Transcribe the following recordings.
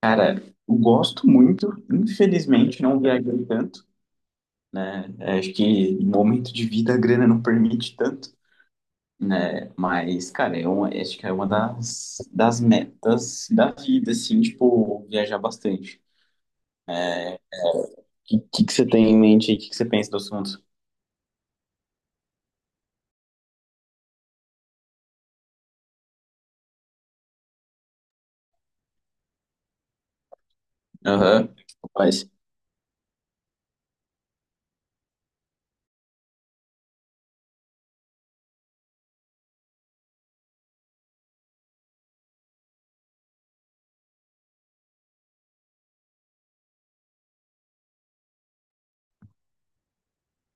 Cara, eu gosto muito, infelizmente não viajei tanto, né? É, acho que no momento de vida a grana não permite tanto, né? Mas, cara, acho que é uma das metas da vida, assim, tipo, viajar bastante. O que, que você tem em mente aí? O que, que você pensa do assunto? Aham. Rapaz,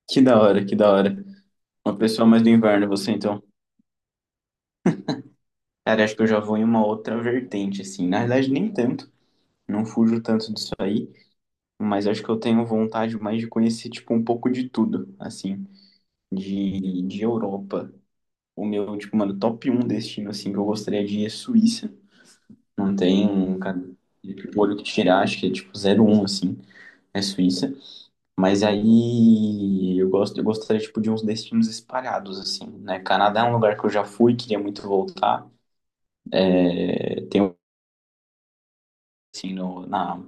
que da hora, que da hora. Uma pessoa mais do inverno, você então. Cara, acho que eu já vou em uma outra vertente, assim. Na verdade, nem tanto, não fujo tanto disso aí. Mas acho que eu tenho vontade mais de conhecer, tipo, um pouco de tudo, assim, de Europa. O meu, tipo, mano, top um destino, assim, que eu gostaria de ir é Suíça. Não tem, cara, o olho que tirar, acho que é, tipo, zero um assim, é Suíça. Mas aí eu gostaria, tipo, de uns destinos espalhados, assim, né? Canadá é um lugar que eu já fui, queria muito voltar. É, tem, assim, no, na,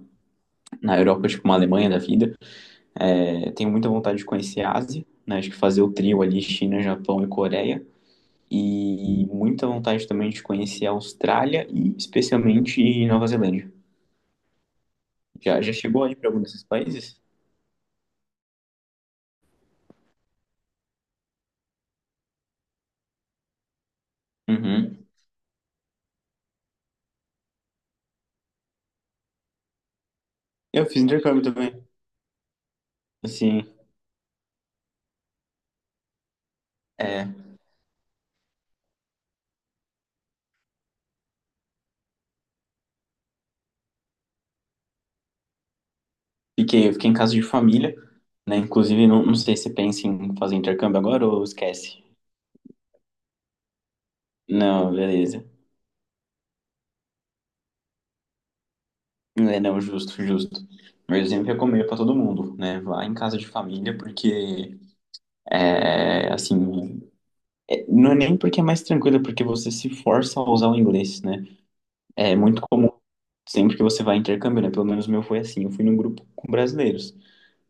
na Europa, tipo, uma Alemanha da vida. É, tenho muita vontade de conhecer a Ásia, né? Acho que fazer o trio ali, China, Japão e Coreia. E muita vontade também de conhecer a Austrália e especialmente Nova Zelândia. Já chegou aí para algum desses países? Uhum. Eu fiz intercâmbio também. Assim, é, eu fiquei em casa de família, né? Inclusive, não sei se você pensa em fazer intercâmbio agora ou esquece. Não, beleza. É, não, justo, justo. Mas eu sempre recomendo para todo mundo, né? Vá em casa de família, porque, é, assim, é, não é nem porque é mais tranquilo, é porque você se força a usar o inglês, né? É muito comum sempre que você vai a intercâmbio, né? Pelo menos o meu foi assim, eu fui num grupo com brasileiros,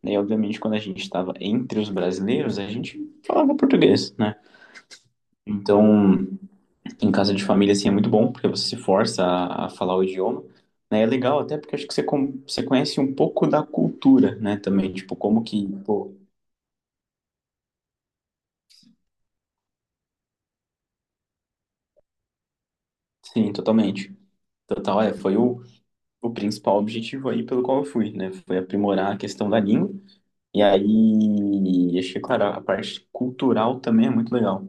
né? E obviamente quando a gente estava entre os brasileiros, a gente falava português, né? Então, em casa de família, assim, é muito bom, porque você se força a falar o idioma. Né? É legal até porque acho que você, você conhece um pouco da cultura, né? Também, tipo, como que... Pô, sim, totalmente. Total, é, foi o principal objetivo aí pelo qual eu fui, né? Foi aprimorar a questão da língua. E aí, acho que, claro, a parte cultural também é muito legal,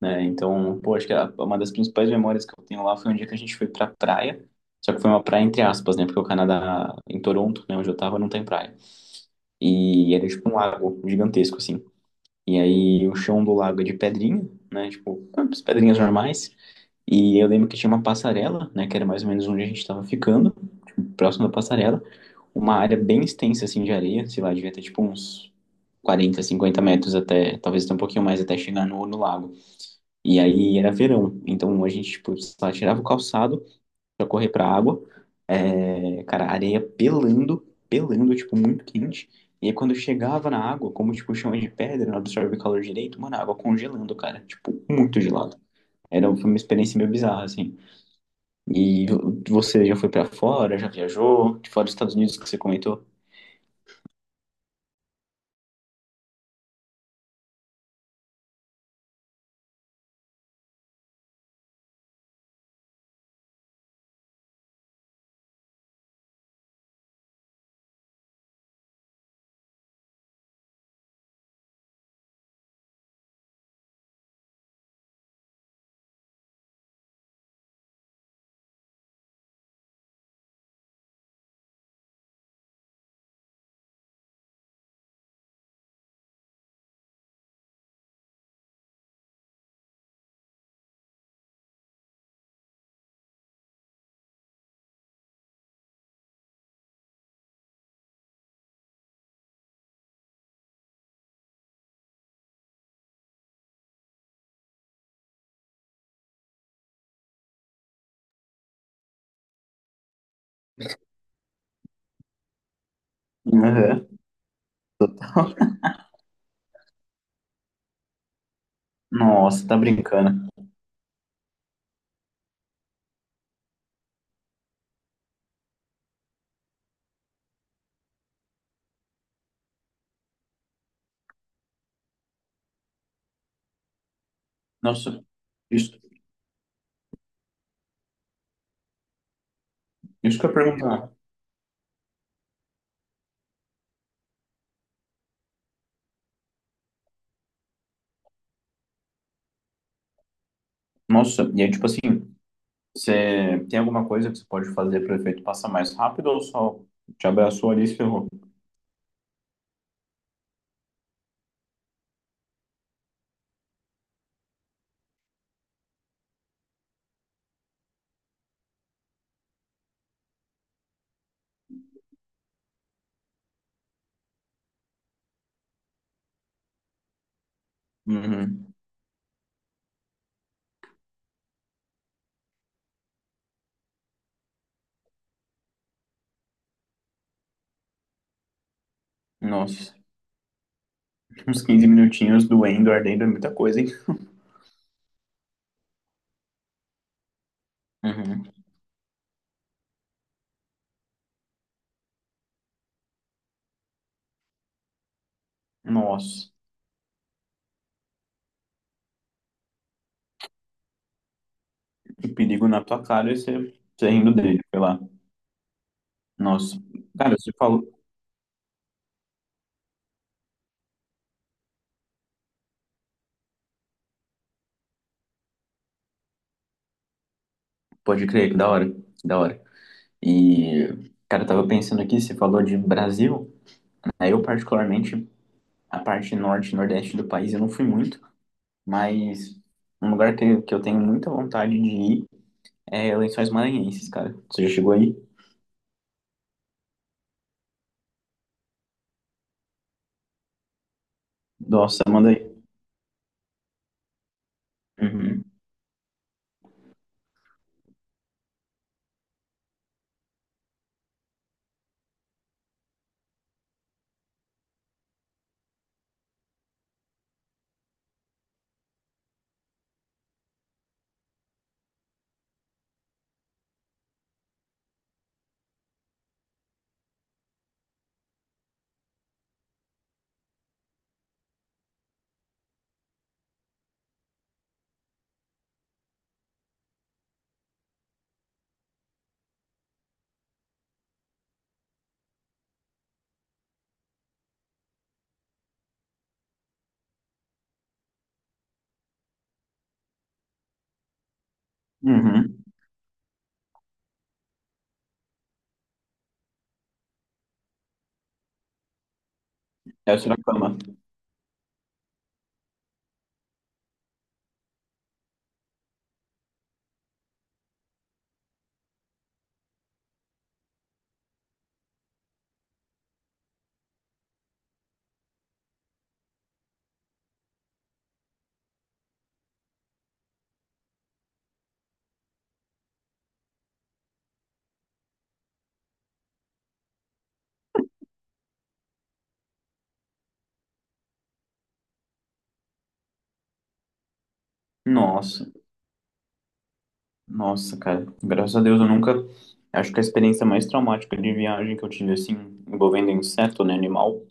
né? Então, pô, acho que uma das principais memórias que eu tenho lá foi um dia que a gente foi pra praia, só que foi uma praia entre aspas, né? Porque o Canadá, em Toronto, né, onde eu tava, não tem praia. E era tipo um lago gigantesco, assim. E aí, o chão do lago é de pedrinha, né? Tipo, as pedrinhas normais. E eu lembro que tinha uma passarela, né? Que era mais ou menos onde a gente tava ficando, tipo, próximo da passarela. Uma área bem extensa, assim, de areia, sei lá, devia ter tipo uns 40, 50 metros até, talvez até um pouquinho mais, até chegar no lago. E aí era verão, então a gente, tipo, só tirava o calçado pra correr pra água, é, cara, areia pelando, pelando, tipo, muito quente. E aí quando eu chegava na água, como, tipo, o chão é de pedra, não absorve o calor direito, mano, a água congelando, cara, tipo, muito gelado. Foi uma experiência meio bizarra, assim. E você já foi pra fora, já viajou, de fora dos Estados Unidos que você comentou? Aham. Nossa, tá brincando. Nossa, isso... Isso que eu ia perguntar. Nossa, e aí, tipo assim, você tem alguma coisa que você pode fazer para o efeito passar mais rápido ou só te abraçou ali e se ferrou? Uhum. Nossa, uns 15 minutinhos doendo, ardendo é muita coisa, hein? Uhum. Nossa, o perigo na tua cara e você rindo dele, sei lá. Nossa, cara, você falou. Pode crer, que da hora, que da hora. E, cara, eu tava pensando aqui, você falou de Brasil, né? Eu, particularmente, a parte norte e nordeste do país, eu não fui muito. Mas um lugar que eu tenho muita vontade de ir é Lençóis Maranhenses, cara. Você já chegou aí? Nossa, manda aí. Uhum. Uhum. É o Sorocaba. Nossa, nossa, cara. Graças a Deus eu nunca. Acho que a experiência mais traumática de viagem que eu tive, assim, envolvendo inseto, né, animal,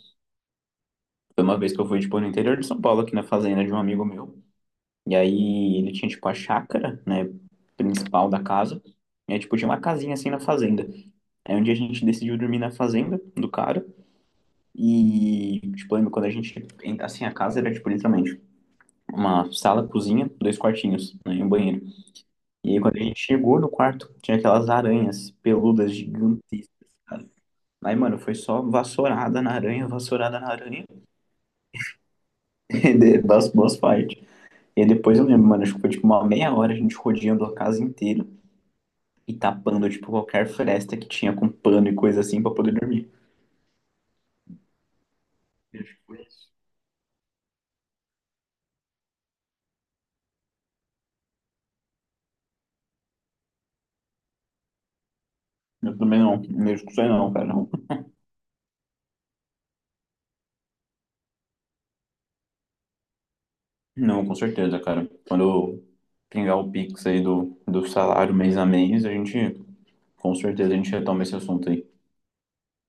foi uma vez que eu fui, tipo, no interior de São Paulo, aqui na fazenda de um amigo meu. E aí ele tinha, tipo, a chácara, né, principal da casa. E aí, tipo, tinha uma casinha assim na fazenda. Aí um dia a gente decidiu dormir na fazenda do cara. E, tipo, lembro quando a gente... Assim, a casa era, tipo, literalmente uma sala, cozinha, dois quartinhos, né, e um banheiro. E aí, quando a gente chegou no quarto, tinha aquelas aranhas peludas gigantescas, cara. Aí, mano, foi só vassourada na aranha, e das boas partes. E aí depois eu lembro, mano, acho que foi, tipo, uma meia hora a gente rodeando a casa inteira e tapando, tipo, qualquer fresta que tinha com pano e coisa assim pra poder dormir. Eu acho que foi isso. Eu também não, mesmo que sei não, cara. Não, com certeza, cara. Quando eu pingar o Pix aí do salário mês a mês, a gente, com certeza, a gente retoma esse assunto aí.